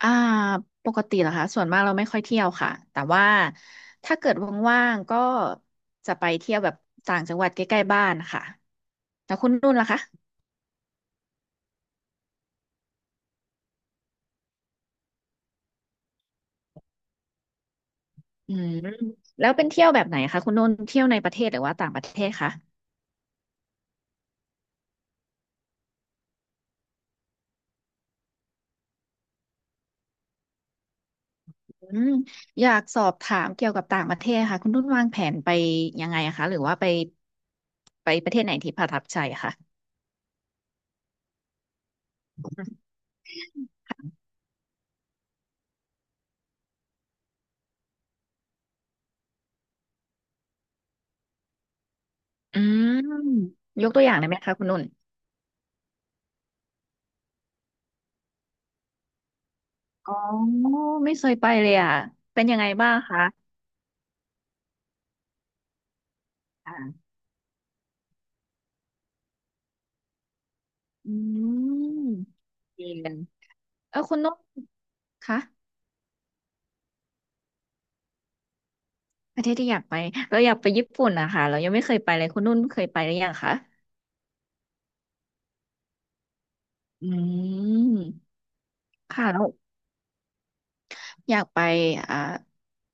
อ่าปกติเหรอคะส่วนมากเราไม่ค่อยเที่ยวค่ะแต่ว่าถ้าเกิดว่างๆก็จะไปเที่ยวแบบต่างจังหวัดใกล้ๆบ้านค่ะแล้วคุณนุ่นล่ะคะอืมแล้วเป็นเที่ยวแบบไหนคะคุณนุ่นเที่ยวในประเทศหรือว่าต่างประเทศคะอืมอยากสอบถามเกี่ยวกับต่างประเทศค่ะคุณนุ่นวางแผนไปยังไงอะคะหรือว่าไปประเทศไหนที่ประทับใจอะคะอืมยกตัวอย่างได้ไหมคะคุณนุ่นอ๋อไม่เคยไปเลยอ่ะเป็นยังไงบ้างคะ อืมดีเลยเออคุณนุ่นคะประเทศที่อยากไปเราอยากไปญี่ปุ่นนะคะเรายังไม่เคยไปเลยคุณนุ่นเคยไปหรือยังคะอืมค่ะแล้วอยากไปอ่า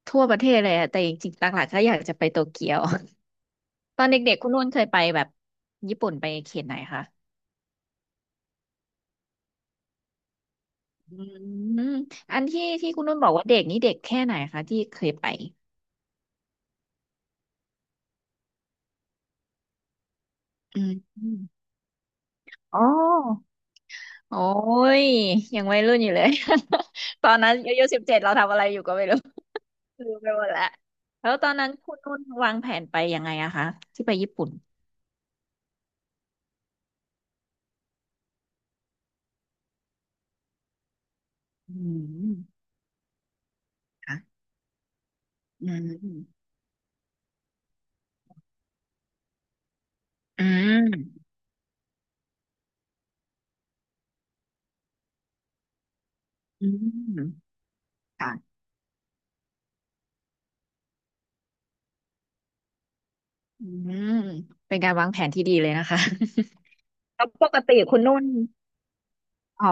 ทั่วประเทศเลยอะแต่จริงๆหลักๆก็อยากจะไปโตเกียว ตอนเด็กๆคุณนุ่นเคยไปแบบญี่ปุ่นไปเขตไหนคะอืมอันที่ที่คุณนุ่นบอกว่าเด็กนี่เด็กแค่ไหนคะที่เคยไปอืมอมอ๋อ โอ้ยยังวัยรุ่นอยู่เลย ตอนนั้นอายุ17เราทำอะไรอยู่ก็ไม่รู้ลืมไปหมดแล้วแล้วตอนนั้นคุณนุ่นวางแผนไปยังไงอะคะที่ไปญี่ปุ่นอืมค่ะอืมอืมอืมค่ะอืมเป็นการวางแผนที่ดีเลยนะคะ แล้วปกติคุณนุ่นอ๋อ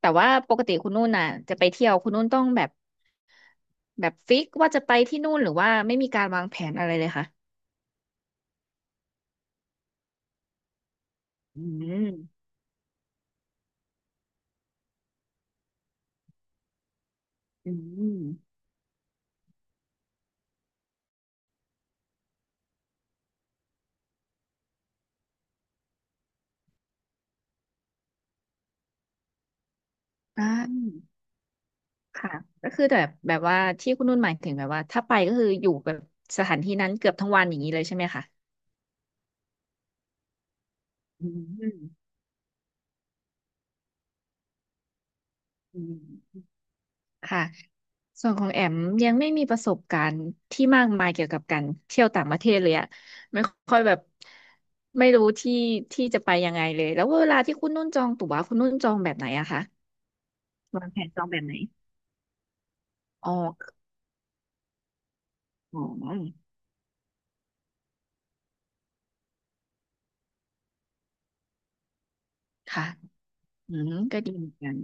แต่ว่าปกติคุณนุ่นน่ะจะไปเที่ยวคุณนุ่นต้องแบบฟิกว่าจะไปที่นู่นหรือว่าไม่มีการวางแผนอะไรเลยค่ะอืมอืม อ่าค่ะก็คือแบบว่าที่คุณนุ่นหมายถึงแบบว่าถ้าไปก็คืออยู่แบบสถานที่นั้นเกือบทั้งวันอย่างนี้เลยใช่ไหมคะอืมอืมค่ะส่วนของแอมยังไม่มีประสบการณ์ที่มากมายเกี่ยวกับการเที่ยวต่างประเทศเลยอะไม่ค่อยแบบไม่รู้ที่จะไปยังไงเลยแล้วเวลาที่คุณนุ่นจองตั๋วคุณนุ่นจองแบบไหนอะคะวางแผนจองแบบไหนอ๋ออ๋อค่ะ อืมก็ดีเหมือนกัน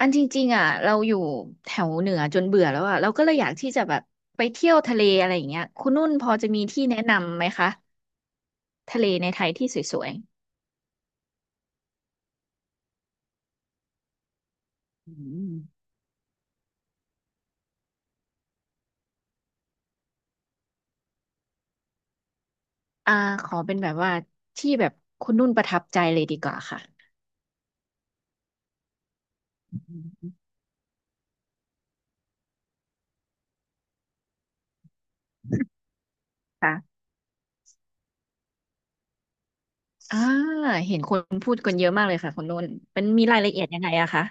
อันจริงๆอ่ะเราอยู่แถวเหนือจนเบื่อแล้วอ่ะเราก็เลยอยากที่จะแบบไปเที่ยวทะเลอะไรอย่างเงี้ยคุณนุ่นพอจะมีที่แนะนำไหมคะทะเลในไทยที่สวยๆอืมๆขอเป็นแบบว่าที่แบบคุณนุ่นประทับใจเลยดีกว่าค่ะอืมค่ะอ่าเห็นคนพูดกันเยอะมากเลยค่ะคุณนุ่นมันมีรายละเอียดยังไงอะคะ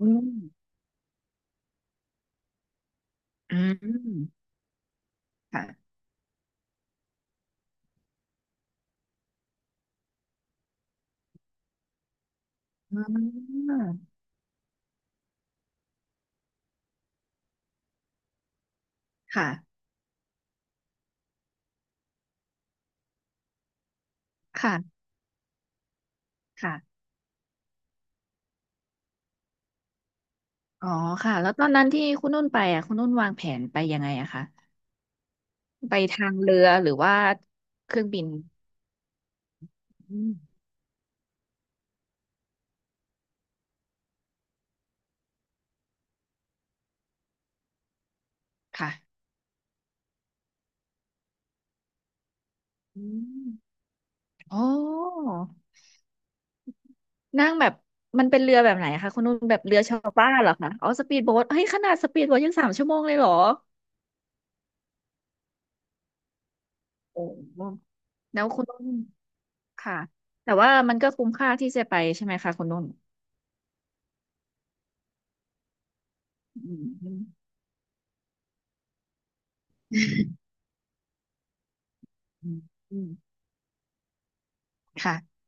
อืมอืมค่ะอ่าค่ะค่ะค่ะอ๋อค่ะแล้วตอนนั้นที่คุณนุ่นไปอ่ะคุณนุ่นวางแผนไปยังไงอะคะ ไปทางเรือหรือว่าเครื่องบินอืมค่ะอืมอ๋อนั่งแบบมันเป็นเรือแบบไหนคะคุณนุ่นแบบเรือชาวบ้านเหรอคะอ๋อสปีดโบ๊ทเฮ้ยขนาดสปีดโบ๊ทยังสามชั่วโมงเลยเหรอโอ้แล้วคุณนุ่นค่ะแต่ว่ามันก็คุ้มค่าที่จะไปใช่ไหมคะคุณนุ่นอืมอืมอืมอืมค่ะ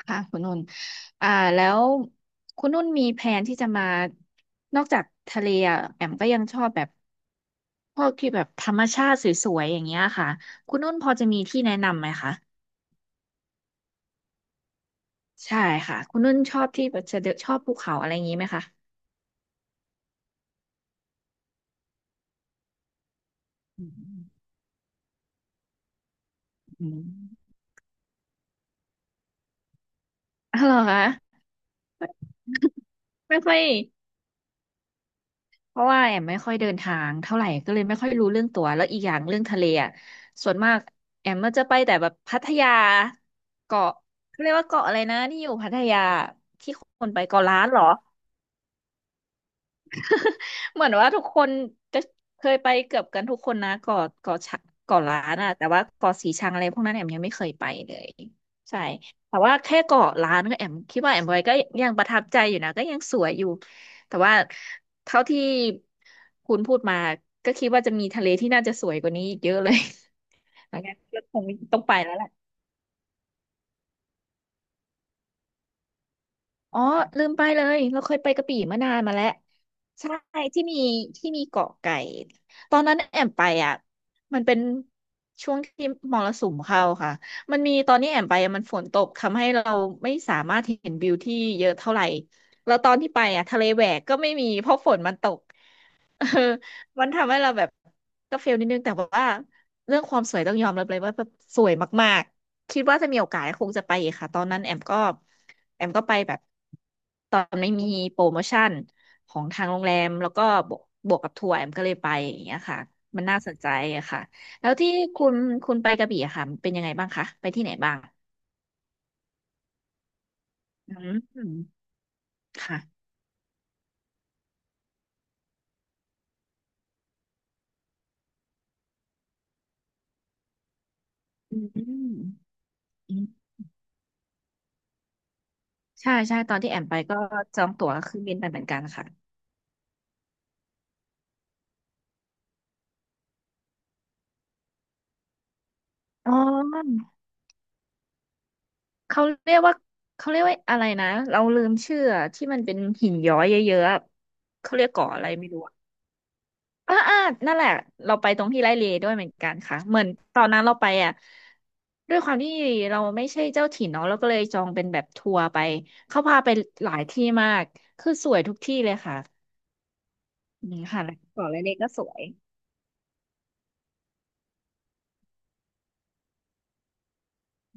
ค่ะคุณนุ่นอ่าแล้วคุณนุ่นมีแผนที่จะมานอกจากทะเลอะแอมก็ยังชอบแบบ พวกที่แบบธรรมชาติสวยๆอย่างเงี้ยค่ะคุณนุ่นพอจะมีที่แนะนำไหมคะใช่ค่ะคุณนุ่นชอบที่แบบจะเดินชอบภูเขาอะไรอย่างงี้ไหมคะอืมอืมอ๋อเหรอคะ ไม่ค่อยเพราะว่าแอมไม่ค่อยเดินทางเท่าไหร่ก็เลยไม่ค่อยรู้เรื่องตัวแล้วอีกอย่างเรื่องทะเลอ่ะส่วนมากแอมมันจะไปแต่แบบพัทยาเกาะเขาเรียกว่าเกาะอะไรนะที่อยู่พัทยาที่คนไปเกาะล้านเหรอ เหมือนว่าทุกคนจะเคยไปเกือบกันทุกคนนะเกาะเกาะชะเกาะล้านอะแต่ว่าเกาะสีชังอะไรพวกนั้นแอมยังไม่เคยไปเลยใช่แต่ว่าแค่เกาะล้านก็แอมคิดว่าแอมไปก็ยังประทับใจอยู่นะก็ยังสวยอยู่แต่ว่าเท่าที่คุณพูดมาก็คิดว่าจะมีทะเลที่น่าจะสวยกว่านี้อีกเยอะเลย แล้วงั้นก็คงต้องไปแล้วแหละ อ๋อลืมไปเลยเราเคยไปกระบี่มานานมาแล้วใช่ที่มีที่มีเกาะไก่ตอนนั้นแอมไปอ่ะมันเป็นช่วงที่มรสุมเข้าค่ะมันมีตอนนี้แอมไปอะมันฝนตกทำให้เราไม่สามารถเห็นวิวที่เยอะเท่าไหร่แล้วตอนที่ไปอ่ะทะเลแหวกก็ไม่มีเพราะฝนมันตก เออมันทำให้เราแบบก็เฟลนิดนึงแต่ว่าเรื่องความสวยต้องยอมรับเลยว่าแบบสวยมากๆคิดว่าจะมีโอกาสคงจะไปอีกค่ะตอนนั้นแอมก็ไปแบบตอนไม่มีโปรโมชั่นของทางโรงแรมแล้วก็บวกบวกกับทัวร์แอมก็เลยไปอย่างเงี้ยค่ะมันน่าสนใจอะค่ะแล้วที่คุณคุณไปกระบี่อะค่ะเป็นยังไงบ้างคะไปที่ไหนบ้างอืมค่ะอืมอืมใช่ใช่ตอนที่แอมไปก็จองตั๋วเครื่องบินไปเหมือนกันค่ะอ๋อ เขาเรียกว่าเขาเรียกว่าอะไรนะเราลืมชื่ออะที่มันเป็นหินย้อยเยอะๆอะเขาเรียกเกาะอะไรไม่รู้อะอ่าอ่านั่นแหละเราไปตรงที่ไร่เลด้วยเหมือนกันค่ะเหมือนตอนนั้นเราไปอ่ะด้วยความที่เราไม่ใช่เจ้าถิ่นเนาะเราก็เลยจองเป็นแบบทัวร์ไปเขาพาไปหลายที่มากคือสวยทุกที่เลยค่ะอืมค่ะแล้วเกาะไร่เลก็สวย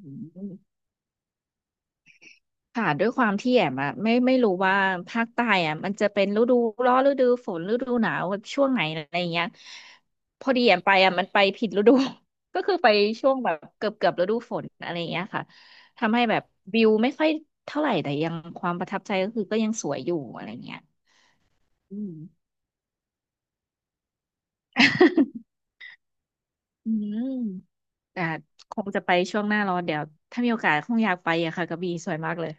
อืม ค่ะด้วยความที่แอมอะไม่รู้ว่าภาคใต้อะมันจะเป็นฤดูร้อนฤดูฝนฤดูหนาวแบบช่วงไหนอะไรอย่างเงี้ยพอดีแอมไปอะมันไปผิดฤดู ก็คือไปช่วงแบบเกือบฤดูฝนอะไรอย่างเงี้ยค่ะทำให้แบบวิวไม่ค่อยเท่าไหร่แต่ยังความประทับใจก็คือก็ยังสวยอยู่อะไรเงี้ยอืม อืมแต่คงจะไปช่วงหน้าร้อนเดี๋ยวถ้ามีโอกาสคงอยากไปอะค่ะกระบี่สวยมากเลย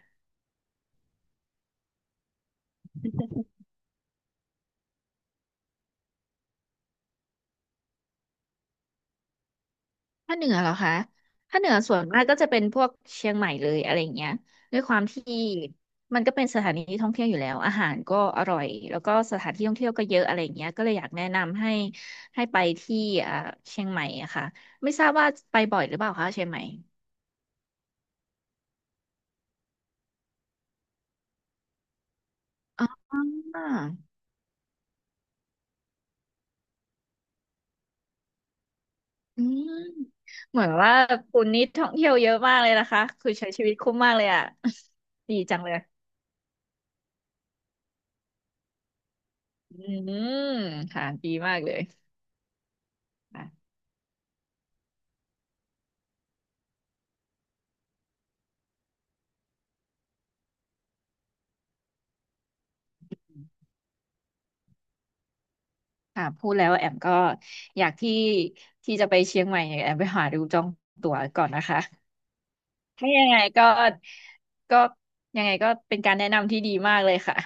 ภาคเหนือเหรอคะภาคเหนือส่วนมากก็จะเป็นพวกเชียงใหม่เลยอะไรอย่างเงี้ยด้วยความที่มันก็เป็นสถานที่ท่องเที่ยวอยู่แล้วอาหารก็อร่อยแล้วก็สถานที่ท่องเที่ยวก็เยอะอะไรอย่างเงี้ยก็เลยอยากแนะนำให้ไปที่อ่าเชียงใหม่อะค่ะไม่ทราบว่าไปบ่อยหรือเปล่าคะเชียงใหม่อ๋ออืมเหมือนว่าคุณนี่ท่องเที่ยวเยอะมากเลยนะคะคือใช้ชีวิตคุ้มมากเลยอะ ดีจังเลยอืมค่ะดีมากเลย ค่ะพูดแล้วแอมก็อยากที่จะไปเชียงใหม่เนี่ยแอมไปหาดูจองตั๋วก่อนนะคะถ้ายังไงก็ก็ยังไงก็เป็นการแนะนำที่ดีมากเลยค่ะ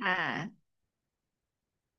อ่า